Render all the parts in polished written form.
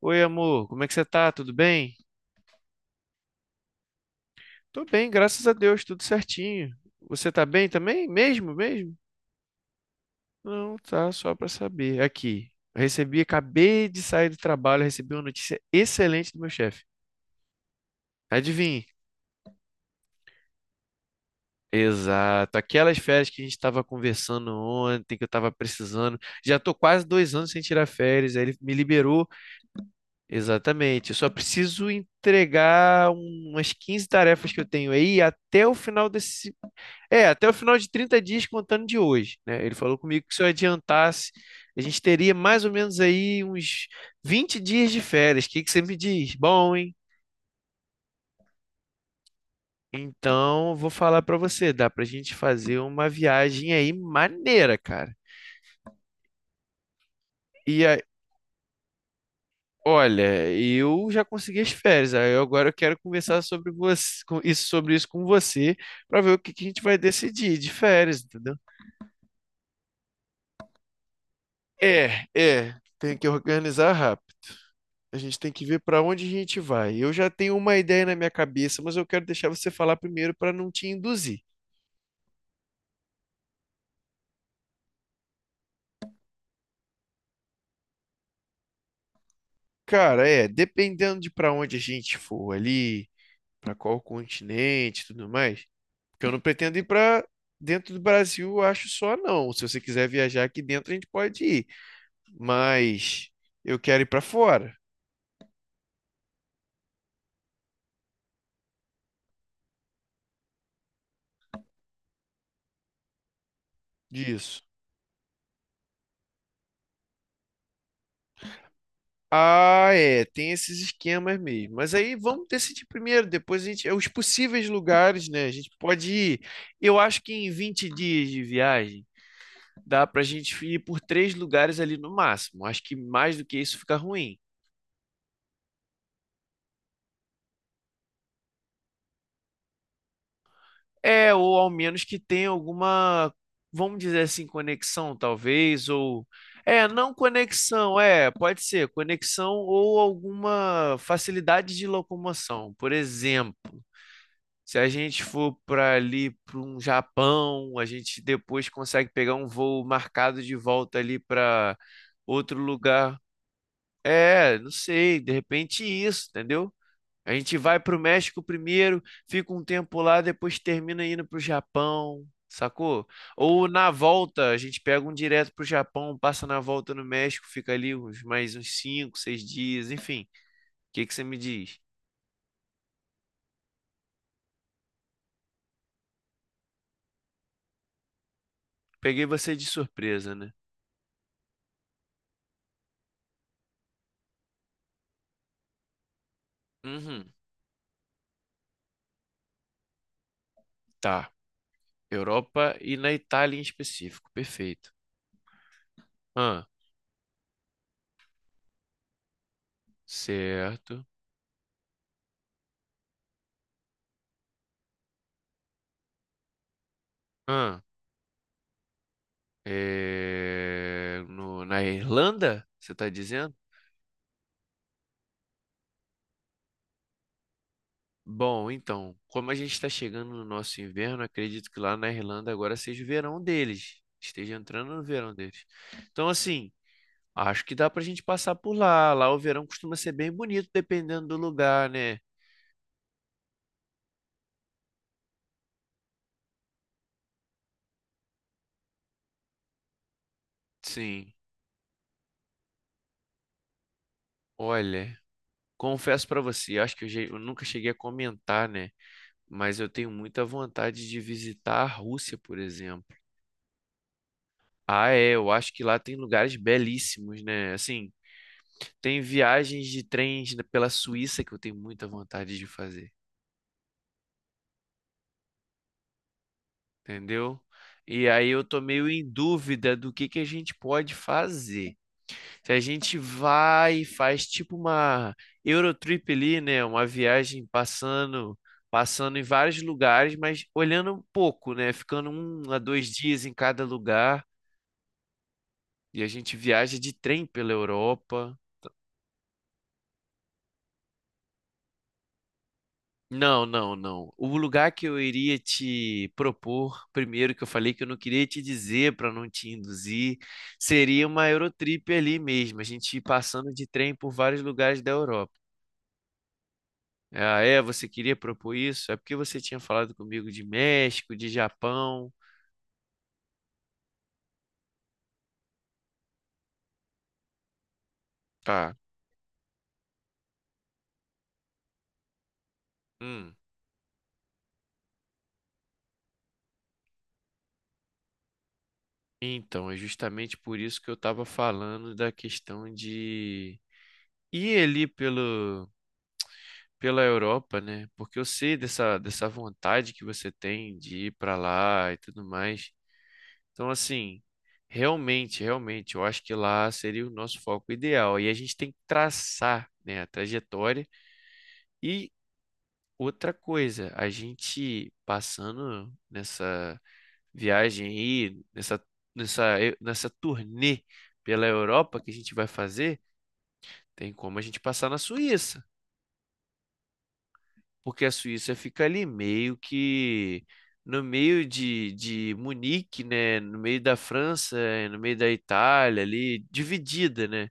Oi, amor, como é que você tá? Tudo bem? Tô bem, graças a Deus, tudo certinho. Você tá bem também? Mesmo, mesmo? Não, tá, só pra saber. Aqui, recebi, acabei de sair do trabalho, recebi uma notícia excelente do meu chefe. Adivinhe? Exato, aquelas férias que a gente estava conversando ontem, que eu estava precisando. Já tô quase 2 anos sem tirar férias, aí ele me liberou. Exatamente, eu só preciso entregar umas 15 tarefas que eu tenho aí até o final até o final de 30 dias contando de hoje, né? Ele falou comigo que se eu adiantasse, a gente teria mais ou menos aí uns 20 dias de férias. O que que você me diz? Bom, hein? Então, vou falar pra você, dá pra gente fazer uma viagem aí maneira, cara. E aí, olha, eu já consegui as férias, agora eu quero conversar sobre você, com isso, sobre isso com você, pra ver o que que a gente vai decidir de férias, entendeu? É, tem que organizar rápido. A gente tem que ver para onde a gente vai. Eu já tenho uma ideia na minha cabeça, mas eu quero deixar você falar primeiro para não te induzir. Cara, é, dependendo de para onde a gente for ali, para qual continente, e tudo mais, porque eu não pretendo ir para dentro do Brasil, eu acho só não. Se você quiser viajar aqui dentro, a gente pode ir, mas eu quero ir para fora disso. Ah, é, tem esses esquemas mesmo. Mas aí vamos decidir primeiro. Depois a gente. É Os possíveis lugares, né? A gente pode ir. Eu acho que em 20 dias de viagem dá pra gente ir por três lugares ali no máximo. Acho que mais do que isso fica ruim. É, ou ao menos que tenha alguma, vamos dizer assim, conexão, talvez, ou. É, não conexão, é, pode ser, conexão ou alguma facilidade de locomoção. Por exemplo. Se a gente for para ali para um Japão, a gente depois consegue pegar um voo marcado de volta ali para outro lugar. É, não sei, de repente isso, entendeu? A gente vai para o México primeiro, fica um tempo lá, depois termina indo para o Japão, sacou? Ou na volta, a gente pega um direto para o Japão, passa na volta no México, fica ali uns mais uns 5 6 dias, enfim. O que que você me diz? Peguei você de surpresa, né? Uhum, tá. Europa e na Itália em específico. Perfeito. Ah, certo. Ah, é, na Irlanda, você está dizendo? Bom, então, como a gente está chegando no nosso inverno, acredito que lá na Irlanda agora seja o verão deles. Esteja entrando no verão deles. Então, assim, acho que dá pra gente passar por lá. Lá o verão costuma ser bem bonito, dependendo do lugar, né? Sim. Olha, confesso pra você, acho que eu, eu nunca cheguei a comentar, né? Mas eu tenho muita vontade de visitar a Rússia, por exemplo. Ah, é, eu acho que lá tem lugares belíssimos, né? Assim, tem viagens de trens pela Suíça que eu tenho muita vontade de fazer, entendeu? E aí eu tô meio em dúvida do que a gente pode fazer. Se a gente vai e faz tipo uma Eurotrip ali, né? Uma viagem passando em vários lugares, mas olhando um pouco, né? Ficando 1 a 2 dias em cada lugar. E a gente viaja de trem pela Europa. Não, não, não. O lugar que eu iria te propor, primeiro que eu falei que eu não queria te dizer para não te induzir, seria uma Eurotrip ali mesmo, a gente ir passando de trem por vários lugares da Europa. Ah, é, você queria propor isso? É porque você tinha falado comigo de México, de Japão. Tá. Hum. Então, é justamente por isso que eu estava falando da questão de ir ali pelo pela Europa, né? Porque eu sei dessa vontade que você tem de ir para lá e tudo mais. Então, assim, realmente, realmente, eu acho que lá seria o nosso foco ideal. E a gente tem que traçar, né, a trajetória. E outra coisa, a gente passando nessa viagem aí, nessa turnê pela Europa que a gente vai fazer, tem como a gente passar na Suíça. Porque a Suíça fica ali meio que no meio de Munique, né? No meio da França, no meio da Itália, ali, dividida, né?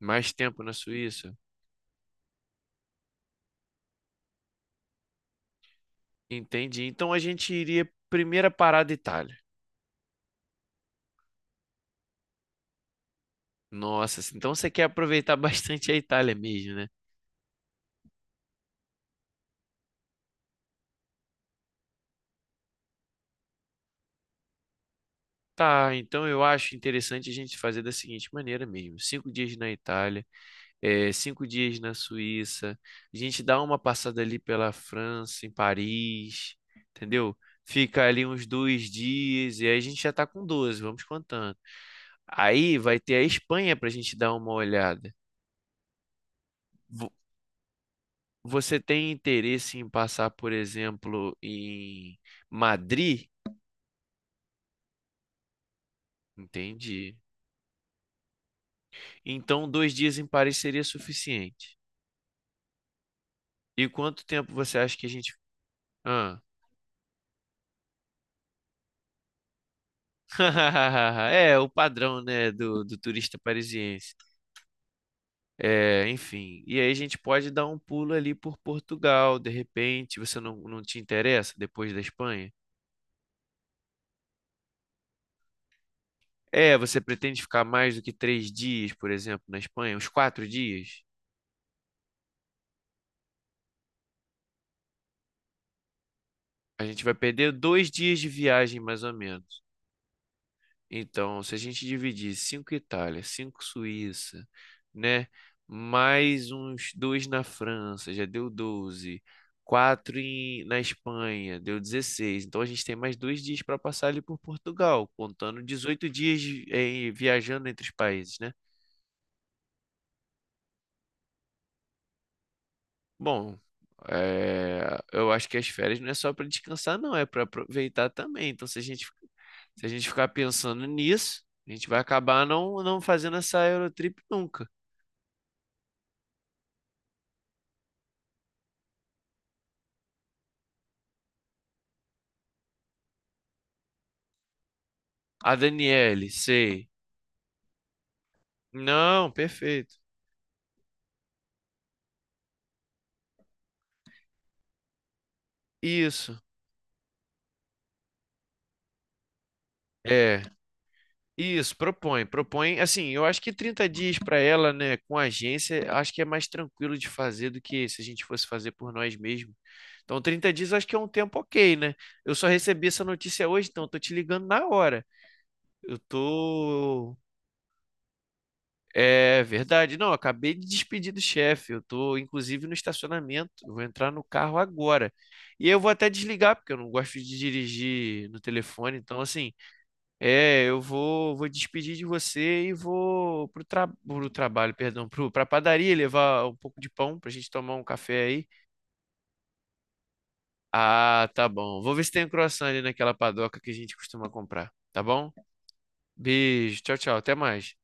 Mais tempo na Suíça. Entendi. Então a gente iria primeira parada Itália. Nossa, assim, então você quer aproveitar bastante a Itália mesmo, né? Tá, então eu acho interessante a gente fazer da seguinte maneira mesmo: 5 dias na Itália, 5 dias na Suíça. A gente dá uma passada ali pela França, em Paris, entendeu? Fica ali uns 2 dias e aí a gente já tá com 12. Vamos contando. Aí vai ter a Espanha pra gente dar uma olhada. Vo- Você tem interesse em passar, por exemplo, em Madrid? Entendi. Então, 2 dias em Paris seria suficiente. E quanto tempo você acha que a gente. Ah. É, o padrão, né, do turista parisiense. É, enfim, e aí a gente pode dar um pulo ali por Portugal, de repente, você não te interessa depois da Espanha? É, você pretende ficar mais do que 3 dias, por exemplo, na Espanha? Uns 4 dias? A gente vai perder 2 dias de viagem, mais ou menos. Então, se a gente dividir 5 Itália, 5 Suíça, né? Mais uns dois na França, já deu 12. Quatro na Espanha, deu 16. Então a gente tem mais 2 dias para passar ali por Portugal, contando dezoito dias, viajando entre os países, né? Bom, eu acho que as férias não é só para descansar, não, é para aproveitar também. Então, se a gente ficar pensando nisso, a gente vai acabar não fazendo essa Eurotrip nunca. A Daniele, sei. Não, perfeito. Isso. É. Isso, propõe, propõe. Assim, eu acho que 30 dias para ela, né, com a agência, acho que é mais tranquilo de fazer do que se a gente fosse fazer por nós mesmos. Então, 30 dias acho que é um tempo ok, né? Eu só recebi essa notícia hoje, então eu tô te ligando na hora. Eu tô É verdade. Não, eu acabei de despedir do chefe. Eu tô, inclusive, no estacionamento. Eu vou entrar no carro agora. E eu vou até desligar, porque eu não gosto de dirigir no telefone. Então, assim, eu vou despedir de você e vou pro trabalho, perdão, pra padaria levar um pouco de pão pra gente tomar um café aí. Ah, tá bom. Vou ver se tem um croissant ali naquela padoca que a gente costuma comprar. Tá bom? Beijo. Tchau, tchau. Até mais.